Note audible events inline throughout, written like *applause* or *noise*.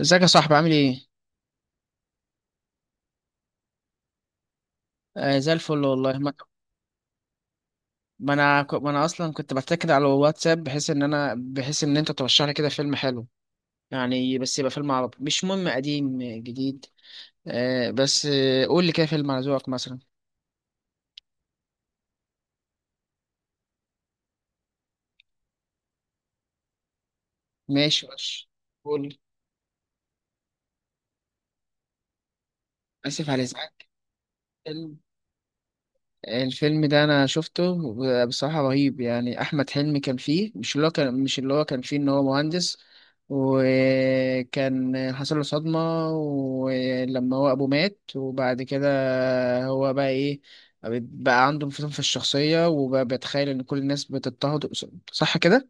ازيك يا صاحبي؟ عامل ايه؟ زي الفل. والله ما انا اصلا كنت بتاكد على الواتساب، بحيث ان انت ترشح لي كده فيلم حلو. يعني بس يبقى فيلم عربي، مش مهم قديم جديد. بس قول لي كده فيلم على ذوقك مثلا. ماشي ماشي. قول لي. اسف على الازعاج. الفيلم ده انا شفته، بصراحة رهيب. يعني احمد حلمي كان فيه، مش اللي هو كان فيه ان هو مهندس، وكان حصل له صدمة، ولما هو ابوه مات وبعد كده هو بقى ايه؟ بقى عنده انفصام في الشخصية، وبقى بيتخيل ان كل الناس بتضطهد. صح كده؟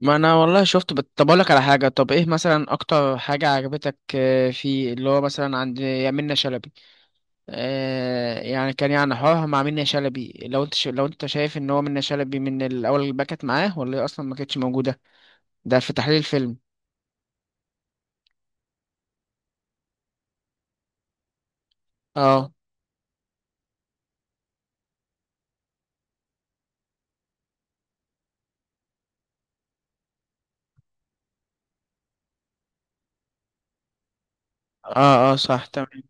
ما انا والله شفت بت- طب اقول لك على حاجة. طب ايه مثلا اكتر حاجة عجبتك فيه؟ اللي هو مثلا عند يا منة شلبي. يعني كان، يعني حوارها مع منة شلبي، لو انت لو انت شايف ان هو منة شلبي من الاول اللي باكت معاه، ولا هي اصلا ما كانتش موجوده؟ ده في تحليل الفيلم. اه اه صح تمام.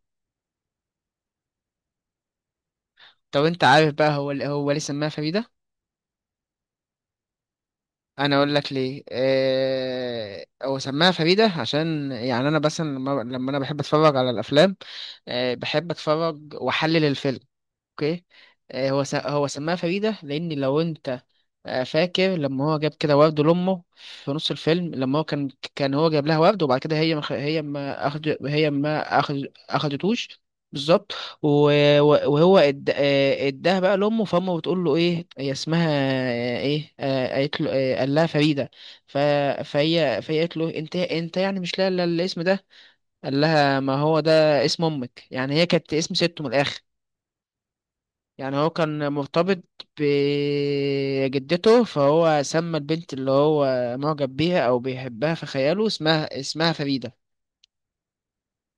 طب انت عارف بقى هو ليه سماها فريده؟ انا اقول لك ليه. هو سماها فريده عشان، يعني انا بس لما انا بحب اتفرج على الافلام، بحب اتفرج واحلل الفيلم. اوكي. هو سماها فريدة، لأن لو أنت فاكر لما هو جاب كده ورد لأمه في نص الفيلم. لما هو كان، كان هو جاب لها ورد، وبعد كده هي ما خ- هي ما أخد هي ما أخد أخدتوش. بالظبط. و- و- وهو إد- آه، اداها بقى لأمه، فأمه بتقول له إيه هي اسمها؟ آه، إيه آه، قالت له آه، قال لها فريدة. ف- فهي قالت له أنت يعني مش لاقي إلا الاسم ده؟ قال لها ما هو ده اسم أمك. يعني هي كانت اسم ست من الآخر، يعني هو كان مرتبط بجدته، فهو سمى البنت اللي هو معجب بيها او بيحبها في خياله اسمها فريدة،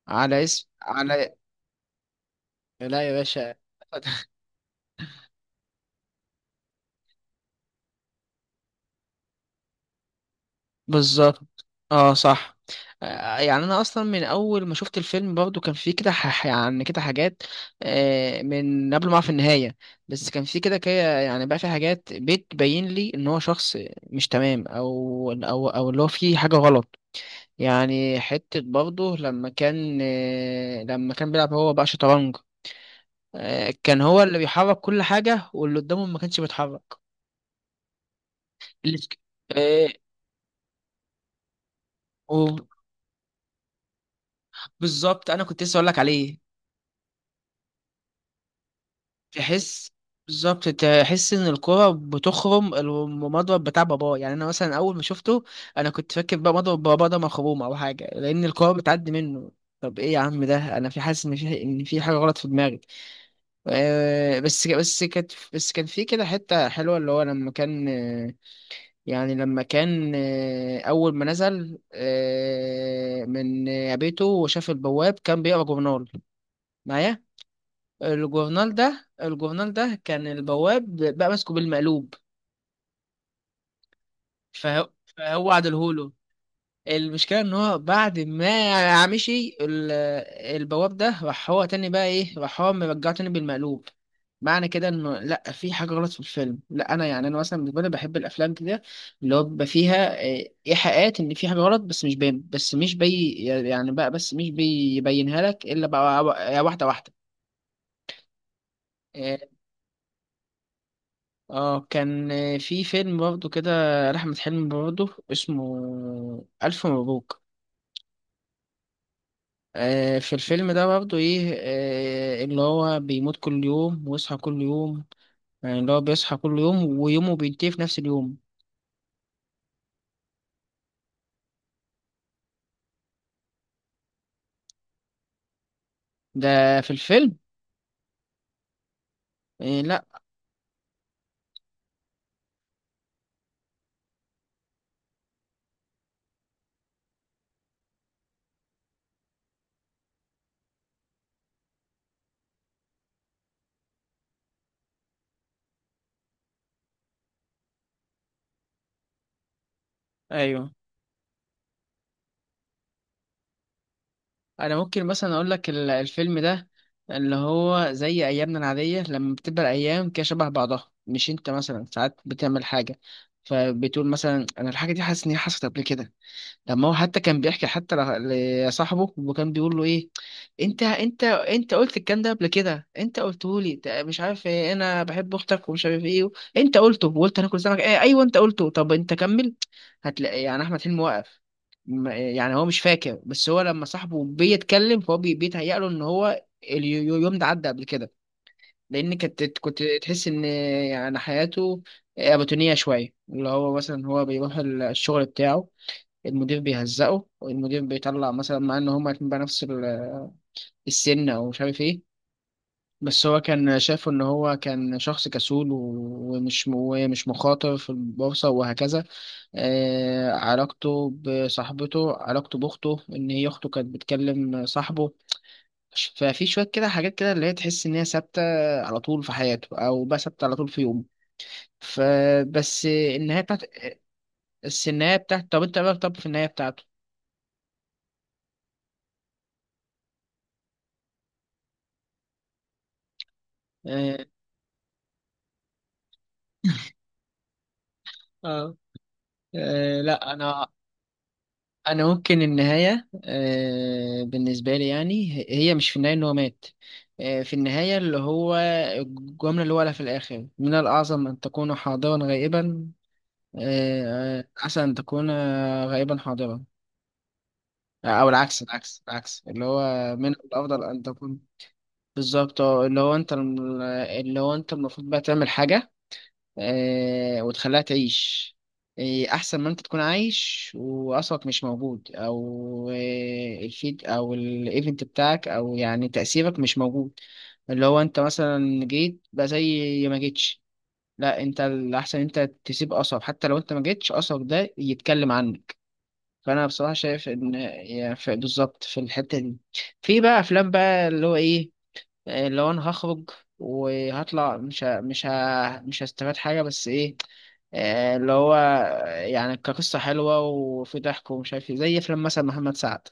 على اسم على. لا يا باشا. *laughs* بالظبط. اه صح. يعني انا اصلا من اول ما شفت الفيلم برضو كان فيه كده يعني كده حاجات من قبل ما اعرف النهايه. بس كان فيه كده كده، يعني بقى في حاجات بتبين لي ان هو شخص مش تمام. او اللي هو فيه حاجه غلط. يعني حتة برضه لما كان، لما كان بيلعب هو بقى شطرنج. كان هو اللي بيحرك كل حاجة، واللي قدامه ما كانش بيتحرك. اللي آه، وبالظبط أنا كنت لسه أقول لك عليه. تحس، بالظبط تحس إن الكرة بتخرم المضرب بتاع باباه. يعني أنا مثلا أول ما شفته، أنا كنت فاكر بقى مضرب باباه ده مخروم أو حاجة، لأن الكرة بتعدي منه. طب إيه يا عم ده؟ أنا حاسس إن في حاجة غلط في دماغي. بس كان في كده حتة حلوة، اللي هو لما كان أول ما نزل من بيته وشاف البواب كان بيقرا جورنال. معايا؟ الجورنال ده كان البواب بقى ماسكه بالمقلوب. فهو فهو عدلهوله. المشكلة ان هو بعد ما مشي البواب ده، راح هو تاني بقى ايه، راح هو مرجعه تاني بالمقلوب. معنى كده انه لا، في حاجة غلط في الفيلم. لا انا، يعني انا مثلا بالنسبة لي بحب الافلام كده اللي هو بيبقى فيها ايحاءات ان في حاجة غلط، بس مش باين. بس مش بيبينها لك الا بقى واحدة واحدة. إيه، اه كان في فيلم برضه كده لأحمد حلمي برضه اسمه ألف مبروك. في الفيلم ده برضه ايه، اللي هو بيموت كل يوم ويصحى كل يوم، يعني اللي هو بيصحى كل يوم ويومه بينتهي في نفس اليوم. ده في الفيلم. إيه لا. ايوه. انا ممكن مثلا اقول لك الفيلم ده، اللي هو زي ايامنا العادية لما بتبقى الايام كده شبه بعضها. مش انت مثلا ساعات بتعمل حاجة فبتقول مثلا انا الحاجة دي حاسس ان هي حصلت قبل كده؟ لما هو حتى كان بيحكي حتى لصاحبه، وكان بيقول له ايه: انت قلت الكلام ده قبل كده. انت قلته لي ده، مش عارف ايه، انا بحب اختك، ومش عارف ايه. انت قلته وقلت هناكل سمك، ايه، ايوه انت قلته. طب انت كمل. هتلاقي يعني احمد حلمي واقف. يعني هو مش فاكر، بس هو لما صاحبه بيتكلم فهو بيتهيأ له ان هو اليوم ده عدى قبل كده. لان كنت تحس ان يعني حياته روتينية شوية. اللي هو مثلا هو بيروح الشغل بتاعه، المدير بيهزقه، والمدير بيطلع مثلا، مع ان هما الاتنين بقى نفس السن، او مش عارف ايه. بس هو كان شايفه ان هو كان شخص كسول ومش مخاطر في البورصة، وهكذا. آه، علاقته بصاحبته، علاقته باخته، ان هي اخته كانت بتكلم صاحبه. ففي شوية كده حاجات كده اللي هي تحس ان هي ثابتة على طول في حياته، او بقى ثابتة على طول في يومه. فبس النهاية بتاعت بس النهاية بتاعت، طب انت بقى، طب في النهاية بتاعته آه، اه آه لا انا. انا ممكن النهايه بالنسبه لي يعني هي مش في النهايه ان هو مات. في النهايه اللي هو الجمله اللي هو قالها في الاخر: من الاعظم ان تكون حاضرا غائبا. احسن ان تكون غائبا حاضرا. او العكس العكس، اللي هو من الافضل ان تكون. بالظبط، اللي هو انت، اللي هو انت المفروض بقى تعمل حاجه وتخليها تعيش. أحسن ما أنت تكون عايش وأصلك مش موجود، أو الفيد أو الإيفنت بتاعك، أو يعني تأثيرك مش موجود. اللي هو أنت مثلا جيت بقى زي ما جيتش. لا، أنت الأحسن أنت تسيب أثر، حتى لو أنت ما جيتش أثرك ده يتكلم عنك. فأنا بصراحة شايف إن، يعني بالظبط في الحتة دي. في بقى أفلام بقى اللي هو إيه، اللي هو انا هخرج وهطلع مش هستفاد حاجه، بس ايه، اللي هو يعني كقصه حلوه وفي ضحك ومش عارف ايه، زي افلام مثلا محمد سعد.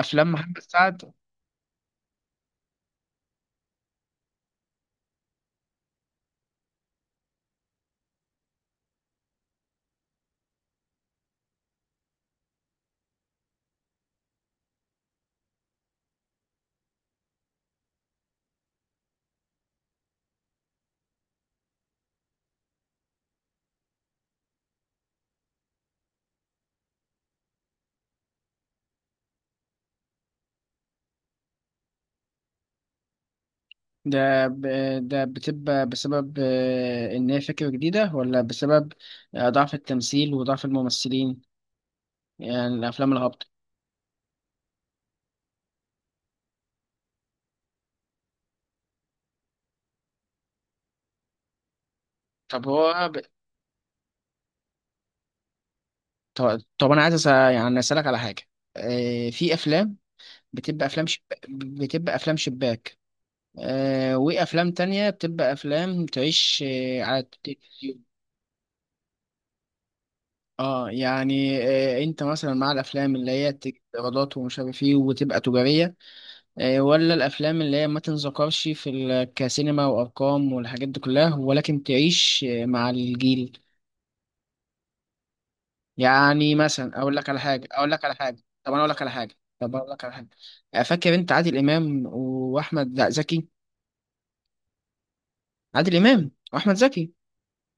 افلام محمد سعد ده ب... ده بتبقى بسبب ان هي فكره جديده، ولا بسبب ضعف التمثيل وضعف الممثلين؟ يعني الافلام الهابطه. طب هو ب... طب انا عايز يعني اسالك على حاجه. في افلام بتبقى افلام شب... بتبقى افلام شباك، آه، وافلام تانية بتبقى افلام تعيش آه على التلفزيون. اه، يعني آه انت مثلا مع الافلام اللي هي تجيب ايرادات ومش عارف ايه وتبقى تجارية، آه، ولا الافلام اللي هي ما تنذكرش في كسينما وارقام والحاجات دي كلها، ولكن تعيش آه مع الجيل؟ يعني مثلا اقول لك على حاجة اقول لك على حاجة طب انا اقول لك على حاجة طب اقول لك على حاجة. فاكر انت عادل امام واحمد، لا زكي، عادل امام واحمد زكي؟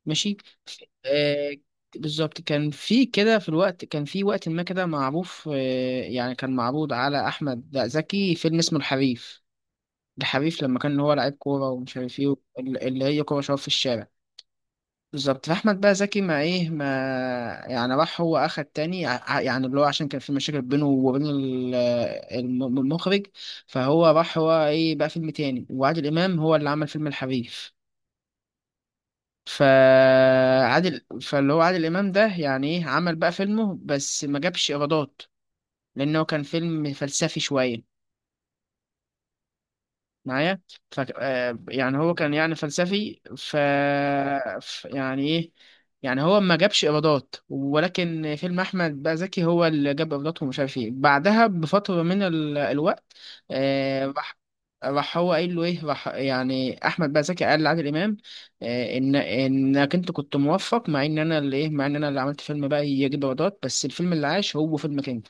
ماشي. آه، بالظبط كان في كده في الوقت، كان في وقت ما كده معروف. يعني كان معروض على احمد زكي فيلم اسمه الحريف. الحريف لما كان هو لعيب كوره ومش عارف ايه، اللي هي كوره شباب في الشارع. بالظبط. فاحمد بقى زكي ما ايه ما، يعني راح هو اخد تاني يعني اللي هو عشان كان في مشاكل بينه وبين المخرج. فهو راح هو ايه بقى فيلم تاني، وعادل امام هو اللي عمل فيلم الحريف. فاللي هو عادل امام ده يعني ايه عمل بقى فيلمه، بس ما جابش ايرادات لانه كان فيلم فلسفي شويه. معايا؟ ف آه، يعني هو كان يعني فلسفي. يعني ايه، يعني هو ما جابش ايرادات، ولكن فيلم احمد بقى زكي هو اللي جاب ايرادات ومش عارف ايه. بعدها بفتره من ال... آه، الوقت راح، راح هو قايل له ايه راح يعني احمد بقى زكي قال لعادل امام ان انك انت كنت موفق، مع ان انا اللي ايه، مع ان انا اللي عملت فيلم بقى يجيب ايرادات، بس الفيلم اللي عاش هو فيلمك انت.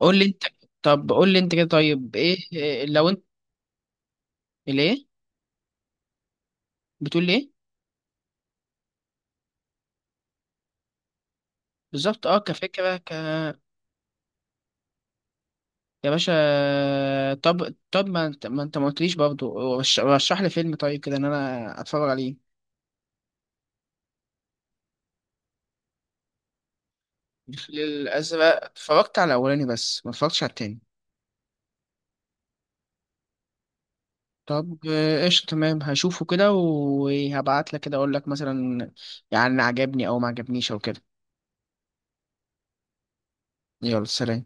قول لي انت. طب قول لي انت كده، طيب ايه لو انت. ليه؟ بتقول ليه؟ بالظبط، اه كفكرة يا باشا. طب ما انت ما قلتليش برضه، رشح لي فيلم طيب كده ان انا اتفرج عليه. الفيل الازرق اتفرجت على الاولاني، بس ما اتفرجتش على التاني. طب قشطة، تمام هشوفه كده وهبعت لك كده اقول لك مثلا يعني عجبني او ما عجبنيش او كده. يلا سلام.